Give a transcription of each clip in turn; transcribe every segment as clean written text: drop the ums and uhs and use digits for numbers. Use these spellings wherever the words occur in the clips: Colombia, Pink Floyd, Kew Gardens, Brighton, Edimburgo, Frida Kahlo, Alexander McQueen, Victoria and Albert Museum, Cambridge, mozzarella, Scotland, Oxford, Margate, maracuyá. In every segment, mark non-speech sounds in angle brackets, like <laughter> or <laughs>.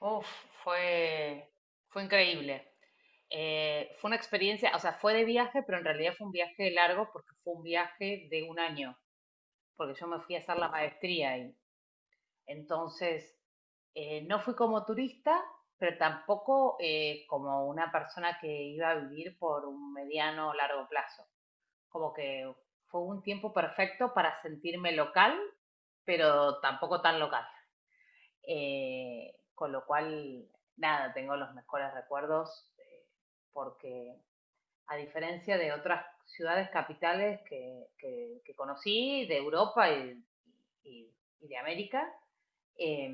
Uf, fue, fue increíble. Fue una experiencia, o sea, fue de viaje, pero en realidad fue un viaje largo porque fue un viaje de un año, porque yo me fui a hacer la maestría ahí. Entonces, no fui como turista, pero tampoco como una persona que iba a vivir por un mediano o largo plazo. Como que fue un tiempo perfecto para sentirme local, pero tampoco tan local. Con lo cual, nada, tengo los mejores recuerdos porque a diferencia de otras ciudades capitales que conocí, de Europa y, y de América, eh,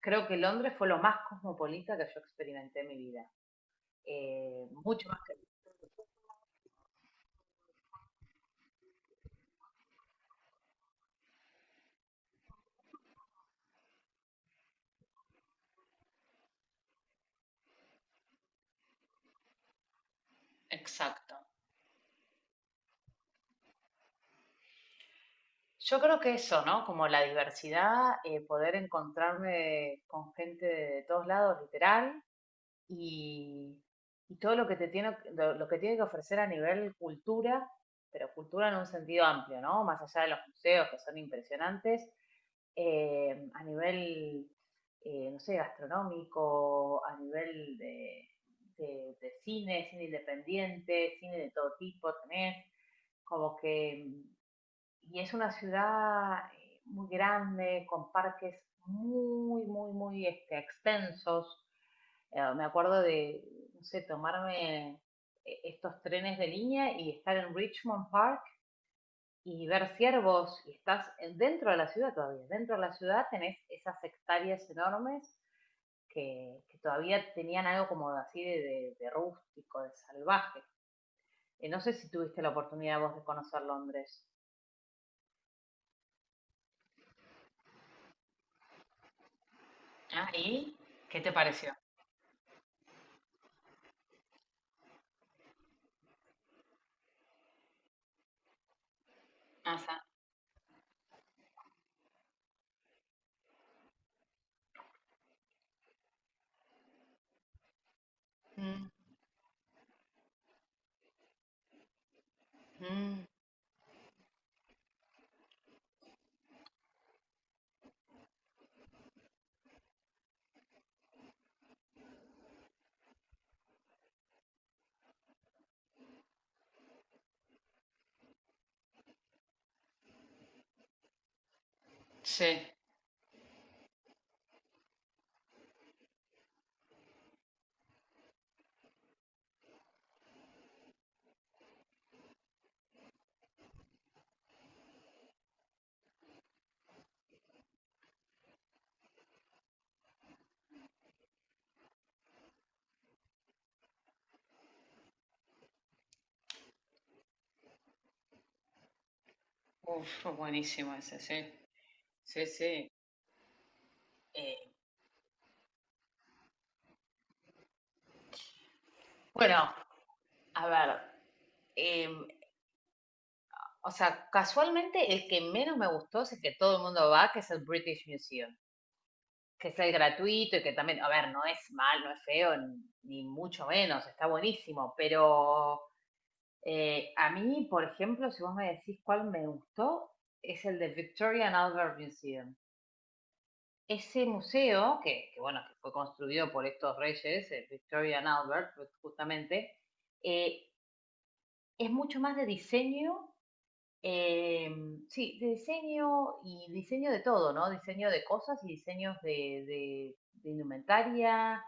creo que Londres fue lo más cosmopolita que yo experimenté en mi vida. Mucho más. Exacto. Yo creo que eso, ¿no? Como la diversidad, poder encontrarme con gente de todos lados, literal, y, y todo lo que te tiene, lo que tiene que ofrecer a nivel cultura, pero cultura en un sentido amplio, ¿no? Más allá de los museos que son impresionantes, eh, a nivel, no sé, gastronómico, a nivel de cine, cine independiente, cine de todo tipo tenés, como que, y es una ciudad muy grande, con parques muy extensos, eh, me acuerdo de, no sé, tomarme estos trenes de línea y estar en Richmond Park y ver ciervos y estás dentro de la ciudad todavía. Dentro de la ciudad tenés esas hectáreas enormes que todavía tenían algo como así de rústico, de salvaje. No sé si tuviste la oportunidad vos de conocer Londres. Ah, ¿y qué te pareció? Ah, sa- Mm, mm, sí. Uf, buenísimo ese, sí, sí, sí. Eh, Bueno, a ver. Em, o sea, casualmente el que menos me gustó si es el que todo el mundo va, que es el British Museum, que es el gratuito y que también, a ver, no es mal, no es feo, ni mucho menos, está buenísimo, pero a mí, por ejemplo, si vos me decís cuál me gustó, es el de Victoria and Albert Museum. Ese museo, bueno, que fue construido por estos reyes, Victoria and Albert, pues, justamente, eh, es mucho más de diseño. Eh, sí, de diseño y diseño de todo, ¿no? Diseño de cosas y diseños de- de indumentaria.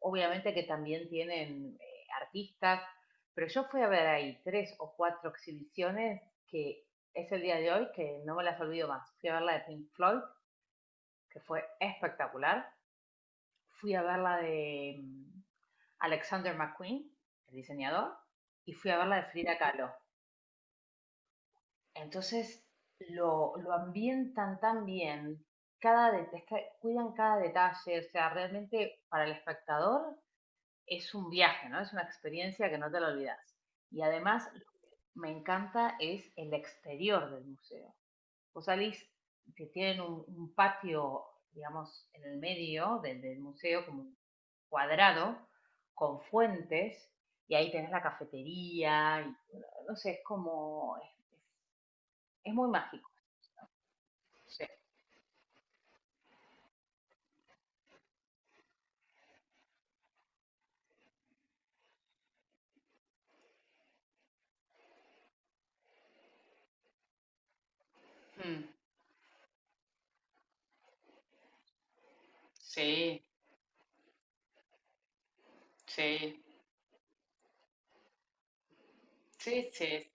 Obviamente que también tienen artistas, pero yo fui a ver ahí tres o cuatro exhibiciones que es el día de hoy que no me las olvido más. Fui a ver la de Pink Floyd, que fue espectacular. Fui a ver la de Alexander McQueen, el diseñador, y fui a ver la de Frida Kahlo. Entonces lo ambientan tan bien, es que cuidan cada detalle, o sea, realmente para el espectador es un viaje, ¿no? Es una experiencia que no te la olvidas. Y además me encanta es el exterior del museo. Vos salís, que tienen un patio, digamos, en el medio del museo, como un cuadrado, con fuentes, y ahí tenés la cafetería, y, bueno, no sé, es como, es- es muy mágico. Mm, sí, sí, sí, sí,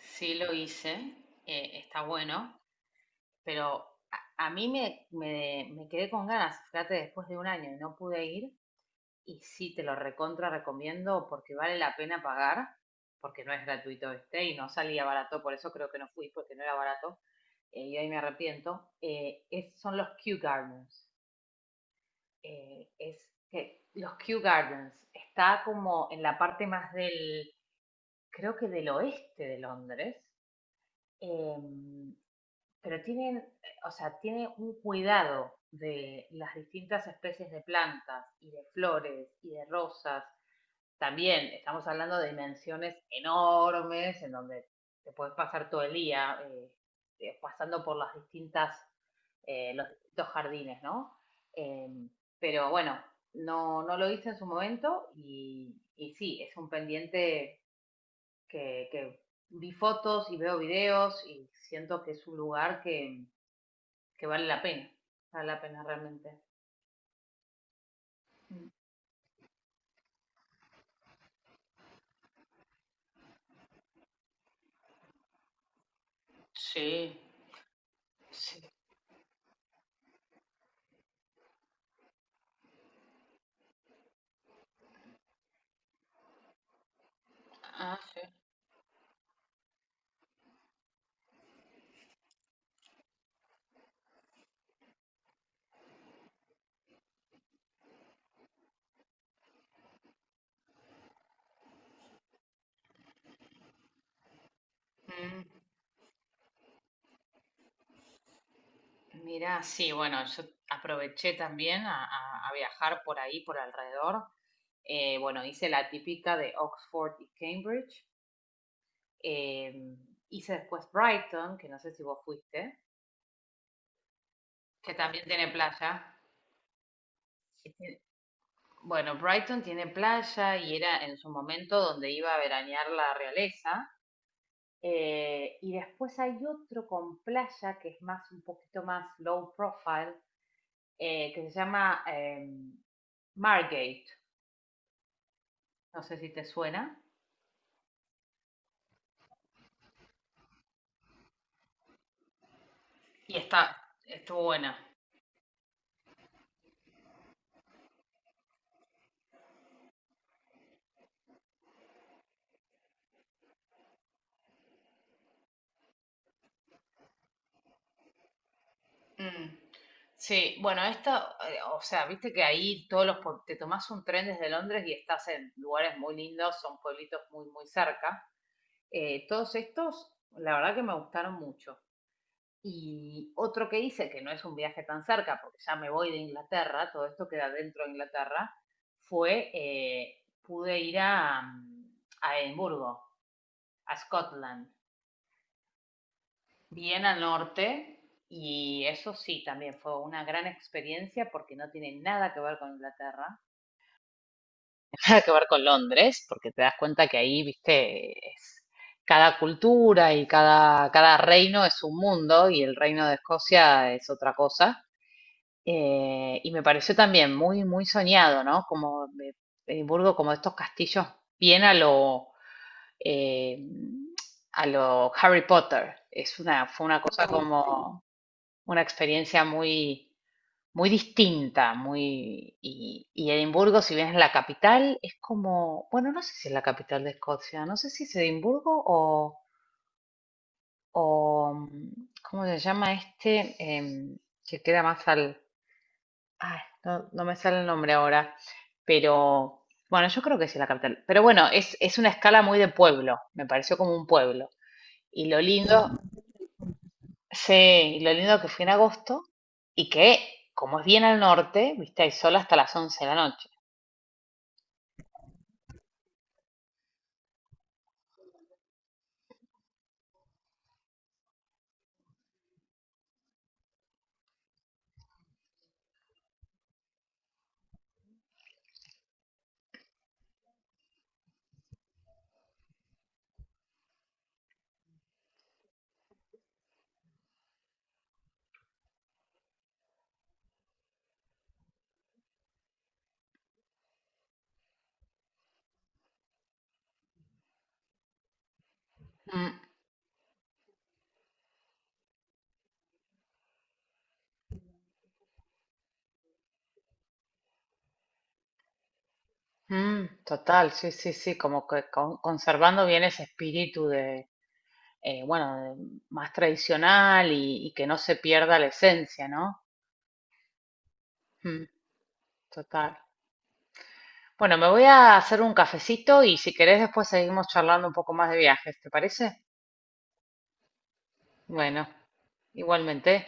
sí lo hice, está bueno, pero a mí me, me, me quedé con ganas, fíjate, después de un año y no pude ir, y sí te lo recontra recomiendo porque vale la pena pagar, porque no es gratuito este y no salía barato, por eso creo que no fui, porque no era barato, y ahí me arrepiento, son los Kew Gardens, es que los Kew Gardens, está como en la parte más del creo que del oeste de Londres, eh, pero tienen, o sea, tiene un cuidado de las distintas especies de plantas y de flores y de rosas. También estamos hablando de dimensiones enormes en donde te puedes pasar todo el día pasando por las distintas, los distintos jardines, ¿no? Em, pero bueno, no lo hice en su momento y sí, es un pendiente que vi fotos y veo videos y siento que es un lugar que vale la pena realmente. Sí, sí. Ah, mm, mira, sí, bueno, yo aproveché también a viajar por ahí, por alrededor. Bueno, hice la típica de Oxford y Cambridge. Em, hice después Brighton, que no sé si vos fuiste, que también tiene playa. Bueno, Brighton tiene playa y era en su momento donde iba a veranear la realeza. Y después hay otro con playa que es más un poquito más low profile, que se llama Margate. No sé si te suena. Y está, Estuvo buena. Mm. Sí, bueno, esta, o sea, viste que ahí todos los, te tomás un tren desde Londres y estás en lugares muy lindos, son pueblitos muy cerca. Todos estos, la verdad que me gustaron mucho. Y otro que hice, que no es un viaje tan cerca, porque ya me voy de Inglaterra, todo esto queda dentro de Inglaterra, fue, pude ir a, mm, a Edimburgo, a Scotland, bien al norte, y eso sí, también fue una gran experiencia porque no tiene nada que ver con Inglaterra, <laughs> nada que ver con Londres, porque te das cuenta que ahí, viste, cada cultura y cada reino es un mundo y el reino de Escocia es otra cosa. Y me pareció también muy soñado, ¿no? Edimburgo, como estos castillos bien eh, a lo Harry Potter. Fue una cosa. Sí, como una experiencia muy distinta, muy, y Edimburgo, si bien es la capital, es como, bueno, no sé si es la capital de Escocia, no sé si es Edimburgo o, mm, ¿cómo se llama este? Em, que queda más al, ay, no, no me sale el nombre ahora, pero bueno, yo creo que sí es la capital. Pero bueno, es una escala muy de pueblo, me pareció como un pueblo. Y lo lindo, sí, y lo lindo que fui en agosto y que, como es bien al norte, viste, hay sol hasta las 11 de la noche. Mm, mm, total, sí, sí, sí, conservando bien ese espíritu de, eh, bueno, de- más tradicional y que no se pierda la esencia, ¿no? Mm, total. Bueno, me voy a hacer un cafecito y si querés después seguimos charlando un poco más de viajes, ¿te parece? Bueno, igualmente.